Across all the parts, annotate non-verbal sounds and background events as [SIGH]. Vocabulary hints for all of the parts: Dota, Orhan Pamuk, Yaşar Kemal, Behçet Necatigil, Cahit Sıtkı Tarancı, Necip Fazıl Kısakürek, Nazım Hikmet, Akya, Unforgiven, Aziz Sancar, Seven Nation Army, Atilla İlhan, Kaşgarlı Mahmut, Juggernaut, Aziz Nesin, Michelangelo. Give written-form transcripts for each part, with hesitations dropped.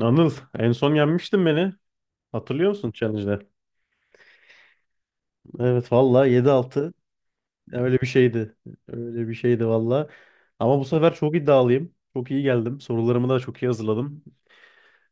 Anıl en son yenmiştin beni. Hatırlıyor musun challenge'de? Evet valla 7-6 öyle bir şeydi. Öyle bir şeydi valla. Ama bu sefer çok iddialıyım. Çok iyi geldim. Sorularımı da çok iyi hazırladım.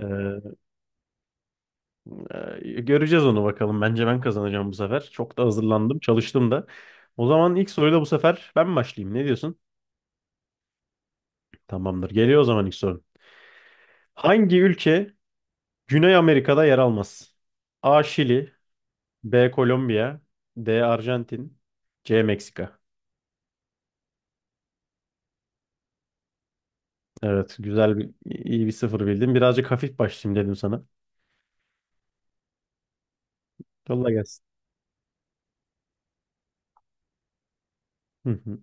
Ee, Göreceğiz onu bakalım. Bence ben kazanacağım bu sefer. Çok da hazırlandım. Çalıştım da. O zaman ilk soruyla bu sefer ben başlayayım. Ne diyorsun? Tamamdır. Geliyor o zaman ilk soru. Hangi ülke Güney Amerika'da yer almaz? A. Şili, B. Kolombiya, D. Arjantin, C. Meksika. Evet, güzel bir iyi bir sıfır bildin. Birazcık hafif başlayayım dedim sana. Yolla gelsin. Hı hı.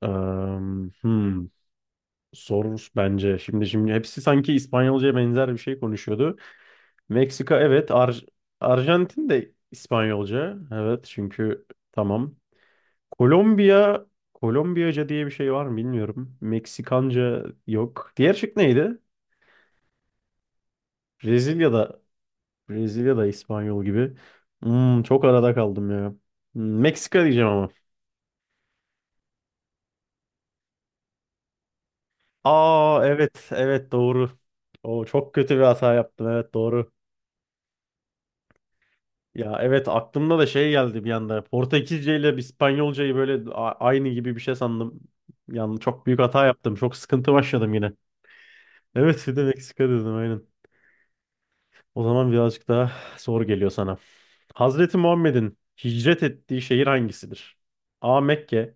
Am, hmm. Zor bence. Şimdi hepsi sanki İspanyolca'ya benzer bir şey konuşuyordu. Meksika evet, Arjantin de İspanyolca. Evet çünkü tamam. Kolombiya, Kolombiyaca diye bir şey var mı bilmiyorum. Meksikanca yok. Diğer şık neydi? Brezilya'da Brezilya'da İspanyol gibi. Hmm, çok arada kaldım ya. Hmm, Meksika diyeceğim ama. Aa evet evet doğru. O çok kötü bir hata yaptım, evet doğru. Ya evet aklımda da şey geldi bir anda. Portekizce ile İspanyolcayı böyle aynı gibi bir şey sandım. Yani çok büyük hata yaptım. Çok sıkıntı başladım yine. Evet bir de Meksika dedim aynen. O zaman birazcık daha zor geliyor sana. Hazreti Muhammed'in hicret ettiği şehir hangisidir? A. Mekke,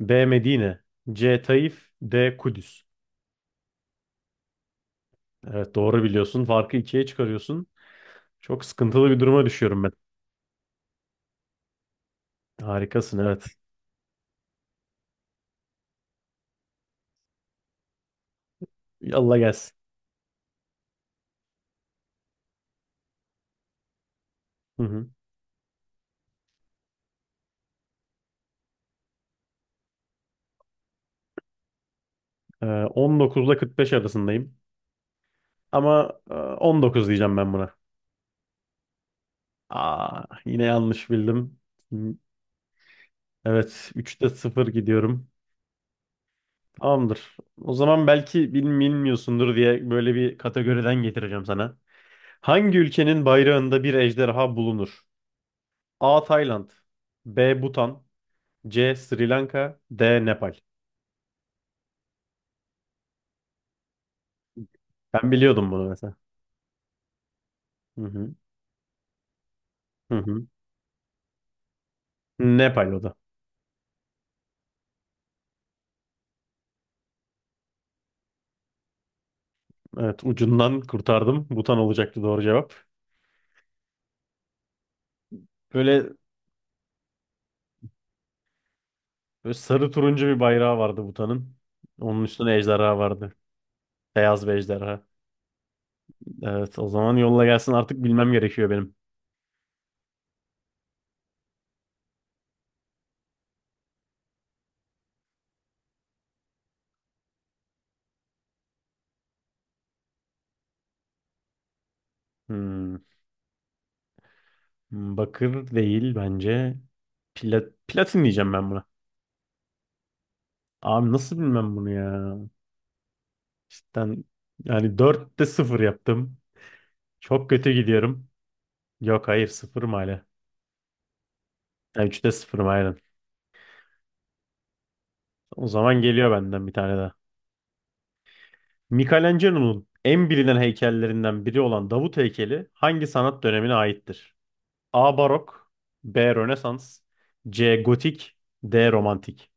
B. Medine, C. Taif, D. Kudüs. Evet doğru biliyorsun. Farkı ikiye çıkarıyorsun. Çok sıkıntılı bir duruma düşüyorum ben. Harikasın evet. Allah gelsin. Hı hı. 19 ile 45 arasındayım. Ama 19 diyeceğim ben buna. Aa, yine yanlış bildim. Hmm, evet 3'te 0 gidiyorum. Tamamdır. O zaman belki bilmiyorsundur diye böyle bir kategoriden getireceğim sana. Hangi ülkenin bayrağında bir ejderha bulunur? A. Tayland, B. Bhutan, C. Sri Lanka, D. Nepal. Ben biliyordum bunu mesela. Hı hı. Hı hı. Nepal o da. Evet ucundan kurtardım. Butan olacaktı doğru cevap. Böyle, böyle sarı turuncu bir bayrağı vardı Butan'ın. Onun üstüne ejderha vardı. Beyaz bir ejderha. Evet o zaman yolla gelsin artık bilmem gerekiyor benim. Hmm, bakır değil bence. Platin diyeceğim ben buna. Abi nasıl bilmem bunu ya. Cidden yani dörtte sıfır yaptım. Çok kötü gidiyorum. Yok hayır 0 hala. Yani 3'te 0 aynen. O zaman geliyor benden bir tane daha. Michelangelo'nun en bilinen heykellerinden biri olan Davut heykeli hangi sanat dönemine aittir? A. Barok, B. Rönesans, C. Gotik, D. Romantik.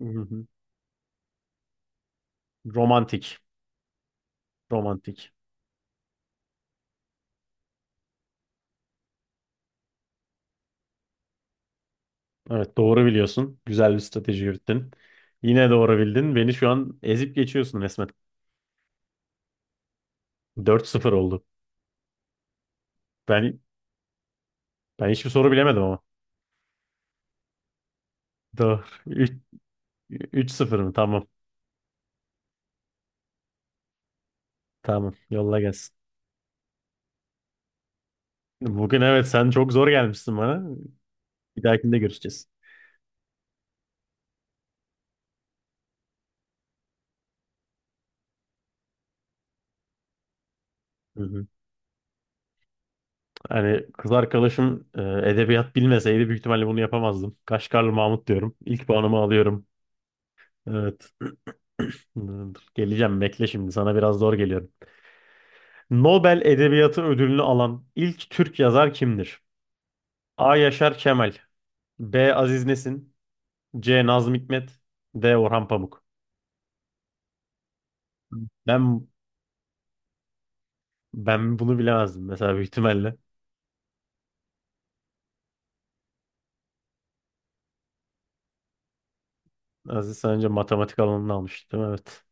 Hı hı. Romantik. Romantik. Evet doğru biliyorsun. Güzel bir strateji yürüttün. Yine doğru bildin. Beni şu an ezip geçiyorsun resmen. Dört sıfır oldu. Ben ben hiçbir soru bilemedim ama. Doğru. Üç, 0 mı? Tamam. Tamam. Yolla gelsin. Bugün evet sen çok zor gelmişsin bana. Bir dahakinde görüşeceğiz. Hı hı. Hani kız arkadaşım edebiyat bilmeseydi büyük ihtimalle bunu yapamazdım. Kaşgarlı Mahmut diyorum. İlk puanımı alıyorum. Evet. [CLEARS THROAT] Dur, geleceğim bekle şimdi. Sana biraz zor geliyorum. Nobel Edebiyatı Ödülünü alan ilk Türk yazar kimdir? A. Yaşar Kemal, B. Aziz Nesin, C. Nazım Hikmet, D. Orhan Pamuk. Ben ben bunu bilemezdim mesela büyük ihtimalle. Aziz Sancar matematik alanını almıştı değil mi? Evet.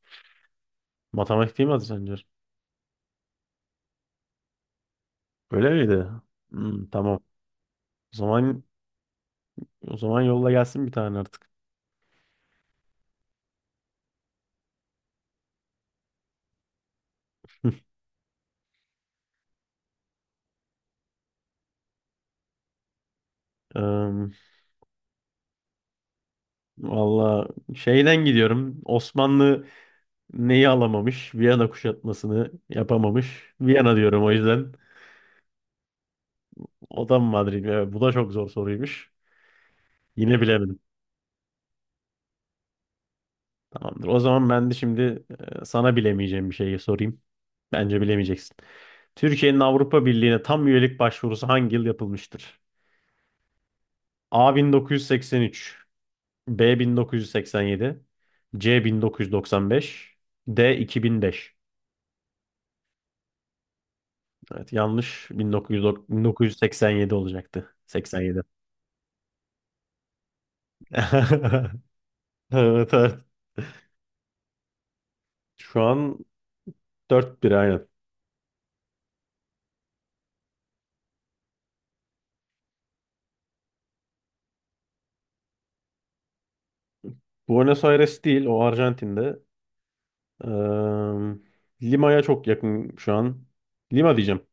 Matematik değil mi Aziz Sancar? Öyle miydi? Hmm, tamam. O zaman O zaman yolla gelsin bir tane artık. [LAUGHS] Em, valla şeyden gidiyorum. Osmanlı neyi alamamış? Viyana kuşatmasını yapamamış. Viyana diyorum o yüzden. O da mı Madrid mi? Evet, bu da çok zor soruymuş. Yine bilemedim. Tamamdır. O zaman ben de şimdi sana bilemeyeceğim bir şeyi sorayım. Bence bilemeyeceksin. Türkiye'nin Avrupa Birliği'ne tam üyelik başvurusu hangi yıl yapılmıştır? A 1983, B 1987, C 1995, D 2005. Evet, yanlış, 1909 1987 olacaktı. 87. [LAUGHS] Evet, evet. Şu an dört bir aynen. Buenos Aires değil, o Arjantin'de. Eee, Lima'ya çok yakın şu an. Lima diyeceğim.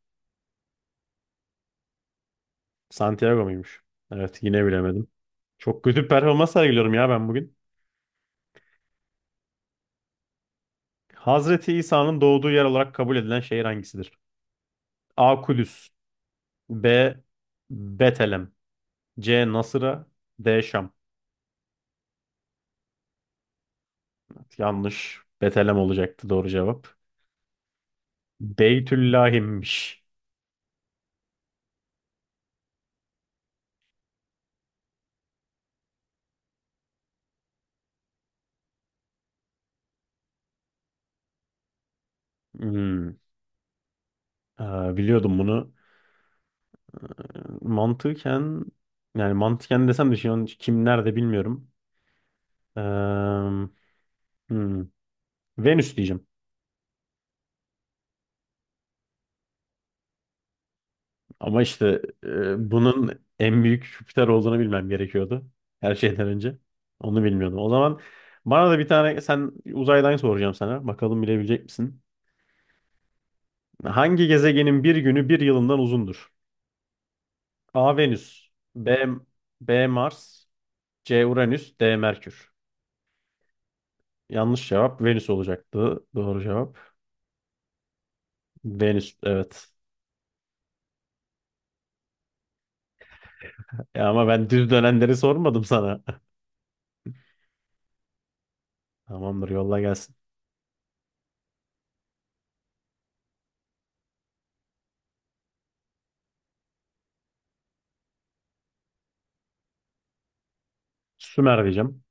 Santiago muymuş? Evet, yine bilemedim. Çok kötü bir performans sergiliyorum ya ben bugün. Hazreti İsa'nın doğduğu yer olarak kabul edilen şehir hangisidir? A. Kudüs, B. Betlem, C. Nasıra, D. Şam. Yanlış. Betelem olacaktı doğru cevap. Beytüllahim'miş. Hmm. Aa, biliyordum bunu. Mantıken yani mantıken desem de şu an kim nerede bilmiyorum. Ee, hmm. Venüs diyeceğim. Ama işte bunun en büyük Jüpiter olduğunu bilmem gerekiyordu. Her şeyden önce. Onu bilmiyordum. O zaman bana da bir tane sen uzaydan soracağım sana. Bakalım bilebilecek misin? Hangi gezegenin bir günü bir yılından uzundur? A Venüs, B B Mars, C Uranüs, D Merkür. Yanlış cevap Venüs olacaktı. Doğru cevap Venüs. Evet. E ama ben düz dönenleri sormadım sana. [LAUGHS] Tamamdır, yolla gelsin. Sümer diyeceğim.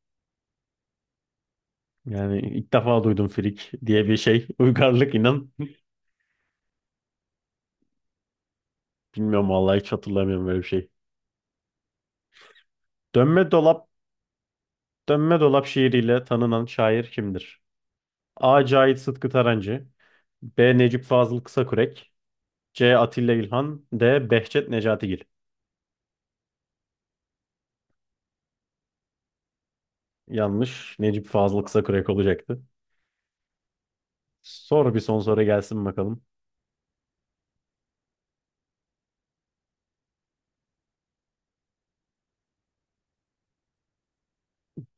Yani ilk defa duydum frik diye bir şey. [LAUGHS] Uygarlık inan. [LAUGHS] Bilmiyorum vallahi hiç hatırlamıyorum böyle bir şey. Dönme dolap, dönme dolap şiiriyle tanınan şair kimdir? A. Cahit Sıtkı Tarancı, B. Necip Fazıl Kısakürek, C. Atilla İlhan, D. Behçet Necatigil. Yanlış. Necip Fazıl kısa kürek olacaktı. Sor bir son soru gelsin bakalım.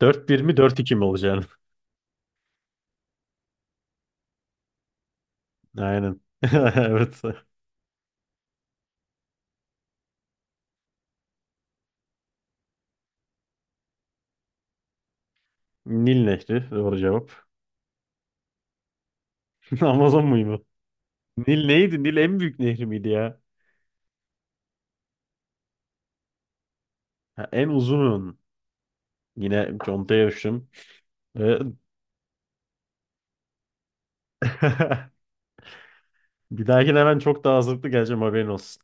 Dört bir mi dört iki mi olacağını? [LAUGHS] Aynen. [LAUGHS] Evet. Nil Nehri doğru cevap. [LAUGHS] Amazon muydu? Nil neydi? Nil en büyük nehri miydi ya? Ha, en uzun. Yine contaya düştüm. Ve- [LAUGHS] Bir dahakine hemen çok daha hazırlıklı geleceğim haberin olsun.